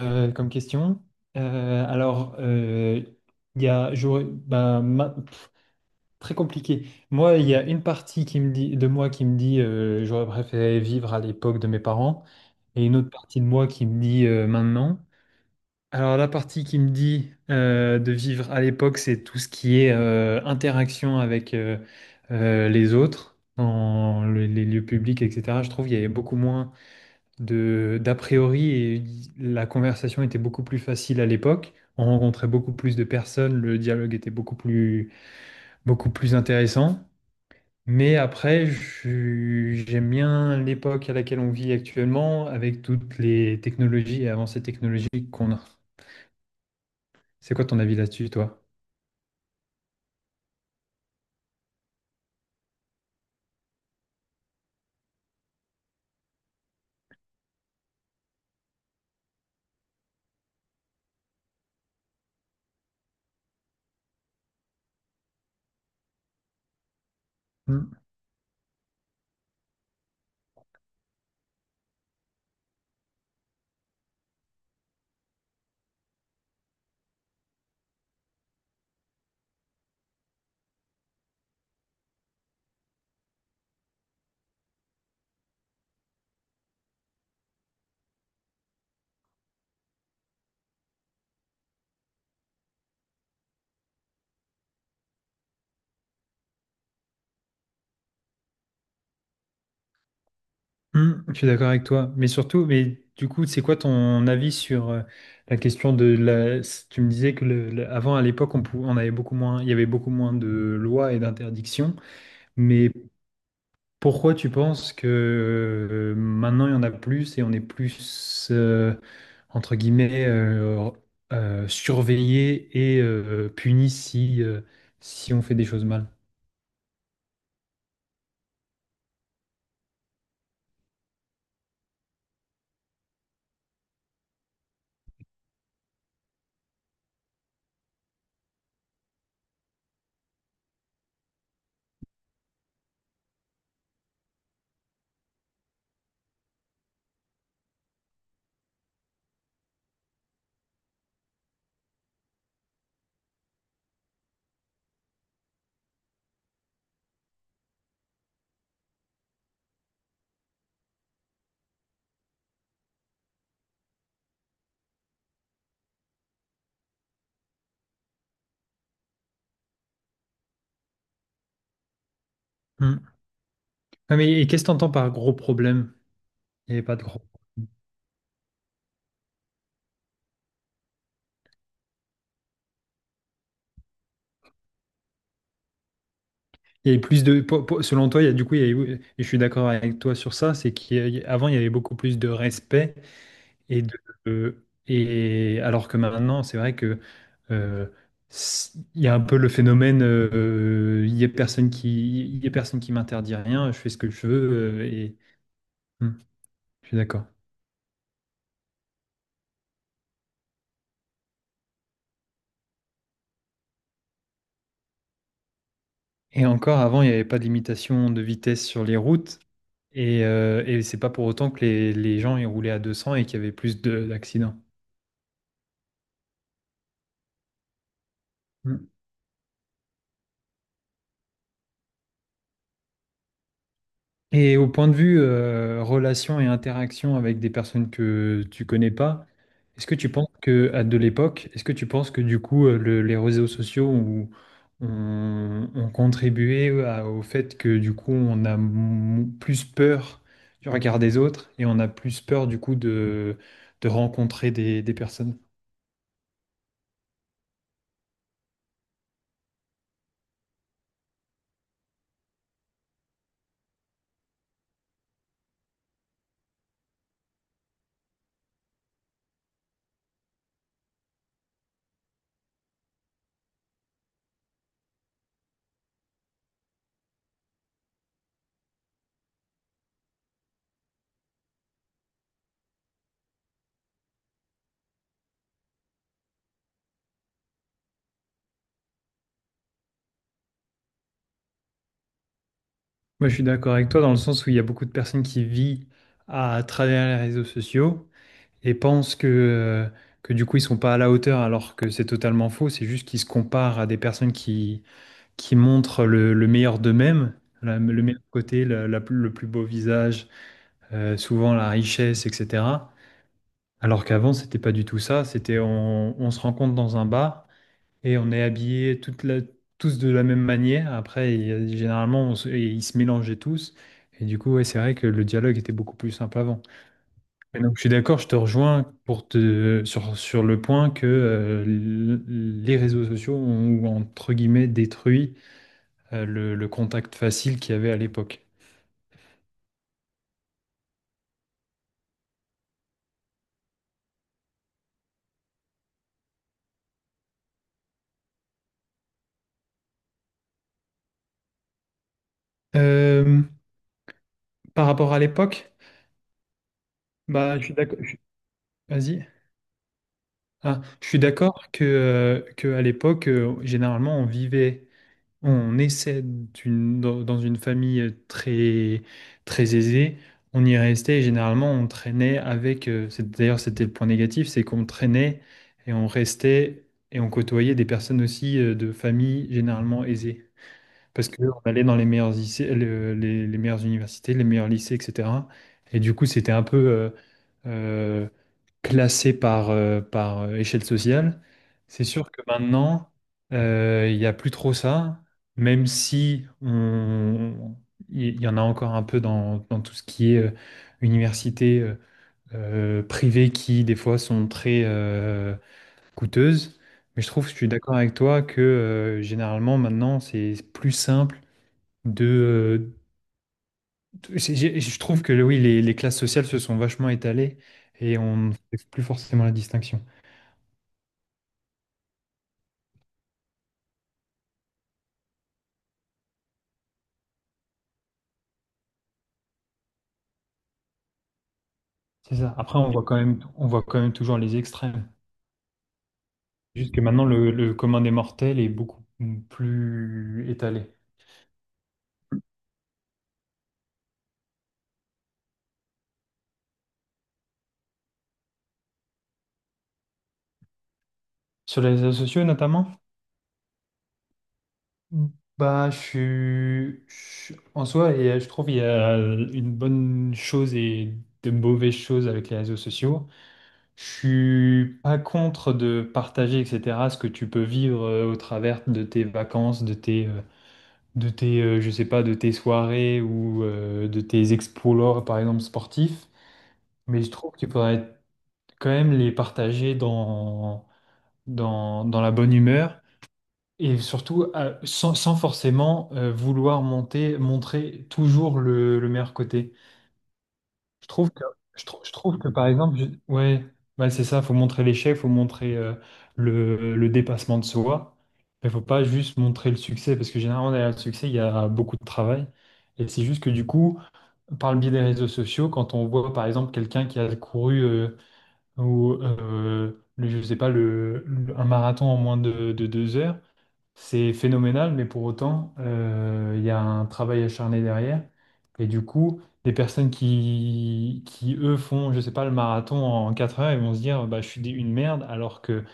Comme question. Alors, il y a, bah, très compliqué. Moi, il y a une partie qui me dit, de moi qui me dit j'aurais préféré vivre à l'époque de mes parents et une autre partie de moi qui me dit maintenant. Alors, la partie qui me dit de vivre à l'époque, c'est tout ce qui est interaction avec les autres dans les lieux publics, etc. Je trouve qu'il y avait beaucoup moins de d'a priori et la conversation était beaucoup plus facile à l'époque. On rencontrait beaucoup plus de personnes, le dialogue était beaucoup plus intéressant. Mais après, j'aime bien l'époque à laquelle on vit actuellement avec toutes les technologies et avancées technologiques qu'on a. C'est quoi ton avis là-dessus, toi? Hmm. Hmm, je suis d'accord avec toi, mais surtout, mais du coup, c'est quoi ton avis sur la question de Tu me disais que avant, à l'époque, on avait beaucoup moins, il y avait beaucoup moins de lois et d'interdictions, mais pourquoi tu penses que maintenant il y en a plus et on est plus entre guillemets surveillé et puni si on fait des choses mal? Hmm. Ouais, mais et qu'est-ce que tu entends par gros problème? Il n'y avait pas de gros. Et plus de, selon toi, il y a, du coup, et je suis d'accord avec toi sur ça, c'est qu'avant, il y avait beaucoup plus de respect et de, et alors que maintenant, c'est vrai que euh, il y a un peu le phénomène, il y a personne qui, il y a personne qui m'interdit rien, je fais ce que je veux et. Hmm, je suis d'accord. Et encore avant, il n'y avait pas de limitation de vitesse sur les routes et c'est pas pour autant que les gens ils roulaient à 200 et qu'il y avait plus d'accidents. Hmm. Et au point de vue relation et interaction avec des personnes que tu connais pas, est-ce que tu penses que à de l'époque, est-ce que tu penses que du coup les réseaux sociaux ont contribué au fait que du coup on a plus peur du regard des autres et on a plus peur du coup de rencontrer des personnes? Moi, je suis d'accord avec toi dans le sens où il y a beaucoup de personnes qui vivent à travers les réseaux sociaux. Et pensent que du coup ils sont pas à la hauteur alors que c'est totalement faux, c'est juste qu'ils se comparent à des personnes qui montrent le meilleur d'eux-mêmes, le meilleur côté, le plus beau visage, souvent la richesse, etc. Alors qu'avant c'était pas du tout ça, c'était on se rencontre dans un bar et on est habillés tous de la même manière, après généralement et ils se mélangeaient tous. Et du coup, ouais, c'est vrai que le dialogue était beaucoup plus simple avant. Mais donc, je suis d'accord, je te rejoins pour sur le point que les réseaux sociaux ont, entre guillemets, détruit le contact facile qu'il y avait à l'époque. Euh, Par rapport à l'époque, bah, je suis d'accord. Vas-y. Ah, je suis d'accord que à l'époque, généralement, on vivait. Dans une famille très, très aisée. On y restait et généralement on traînait avec. D'ailleurs, c'était le point négatif, c'est qu'on traînait et on restait et on côtoyait des personnes aussi de familles généralement aisées. Parce qu'on allait dans les meilleurs lycées, les meilleures universités, les meilleurs lycées, etc. Et du coup, c'était un peu, euh, classé par, par échelle sociale. C'est sûr que maintenant, il n'y a plus trop ça, même si on- il y en a encore un peu dans tout ce qui est université privée qui, des fois, sont très coûteuses. Mais je trouve, je suis d'accord avec toi que généralement, maintenant, c'est plus simple de euh, Je trouve que oui, les classes sociales se sont vachement étalées et on ne fait plus forcément la distinction. C'est ça. Après, on voit quand même toujours les extrêmes. Juste que maintenant, le commun des mortels est beaucoup plus étalé. Sur les réseaux sociaux, notamment, bah, en soi, et je trouve qu'il y a une bonne chose et de mauvaises choses avec les réseaux sociaux. Je suis pas contre de partager, etc., ce que tu peux vivre au travers de tes vacances, de tes, je sais pas, de tes soirées ou de tes exploits, par exemple, sportifs. Mais je trouve qu'il faudrait quand même les partager dans la bonne humeur et surtout sans forcément vouloir montrer toujours le meilleur côté. Je trouve que, je trouve que par exemple, ouais, ouais, c'est ça, faut montrer l'échec, faut montrer le dépassement de soi, mais faut pas juste montrer le succès, parce que généralement, derrière le succès, il y a beaucoup de travail. Et c'est juste que du coup, par le biais des réseaux sociaux, quand on voit par exemple quelqu'un qui a couru, je sais pas, un marathon en moins de 2 heures, c'est phénoménal, mais pour autant, il y a un travail acharné derrière. Et du coup, des personnes qui eux, font, je sais pas, le marathon en 4 heures, ils vont se dire, bah, je suis une merde, alors que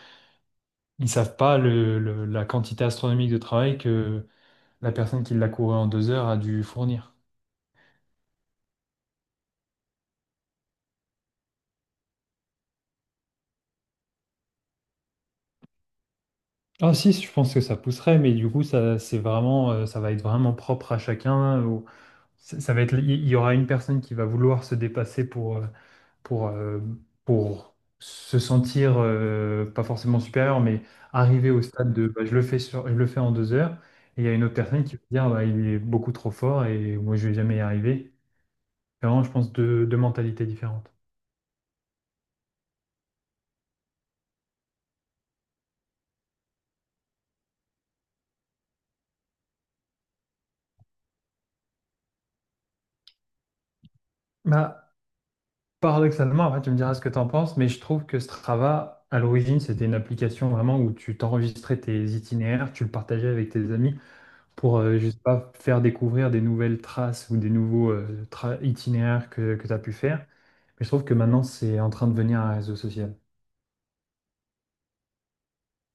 ils savent pas la quantité astronomique de travail que la personne qui l'a couru en 2 heures a dû fournir. Ah si, je pense que ça pousserait, mais du coup, ça, c'est vraiment, ça va être vraiment propre à chacun. Ça va être, il y aura une personne qui va vouloir se dépasser pour, euh, pour se sentir pas forcément supérieur, mais arriver au stade de bah, je le fais je le fais en 2 heures, et il y a une autre personne qui va dire bah, il est beaucoup trop fort et moi je vais jamais y arriver. C'est vraiment, je pense deux mentalités différentes. Bah, paradoxalement, après, tu me diras ce que tu en penses, mais je trouve que Strava, à l'origine, c'était une application vraiment où tu t'enregistrais tes itinéraires, tu le partageais avec tes amis. Pour, je sais pas, faire découvrir des nouvelles traces ou des nouveaux itinéraires que tu as pu faire. Mais je trouve que maintenant, c'est en train de devenir un réseau social.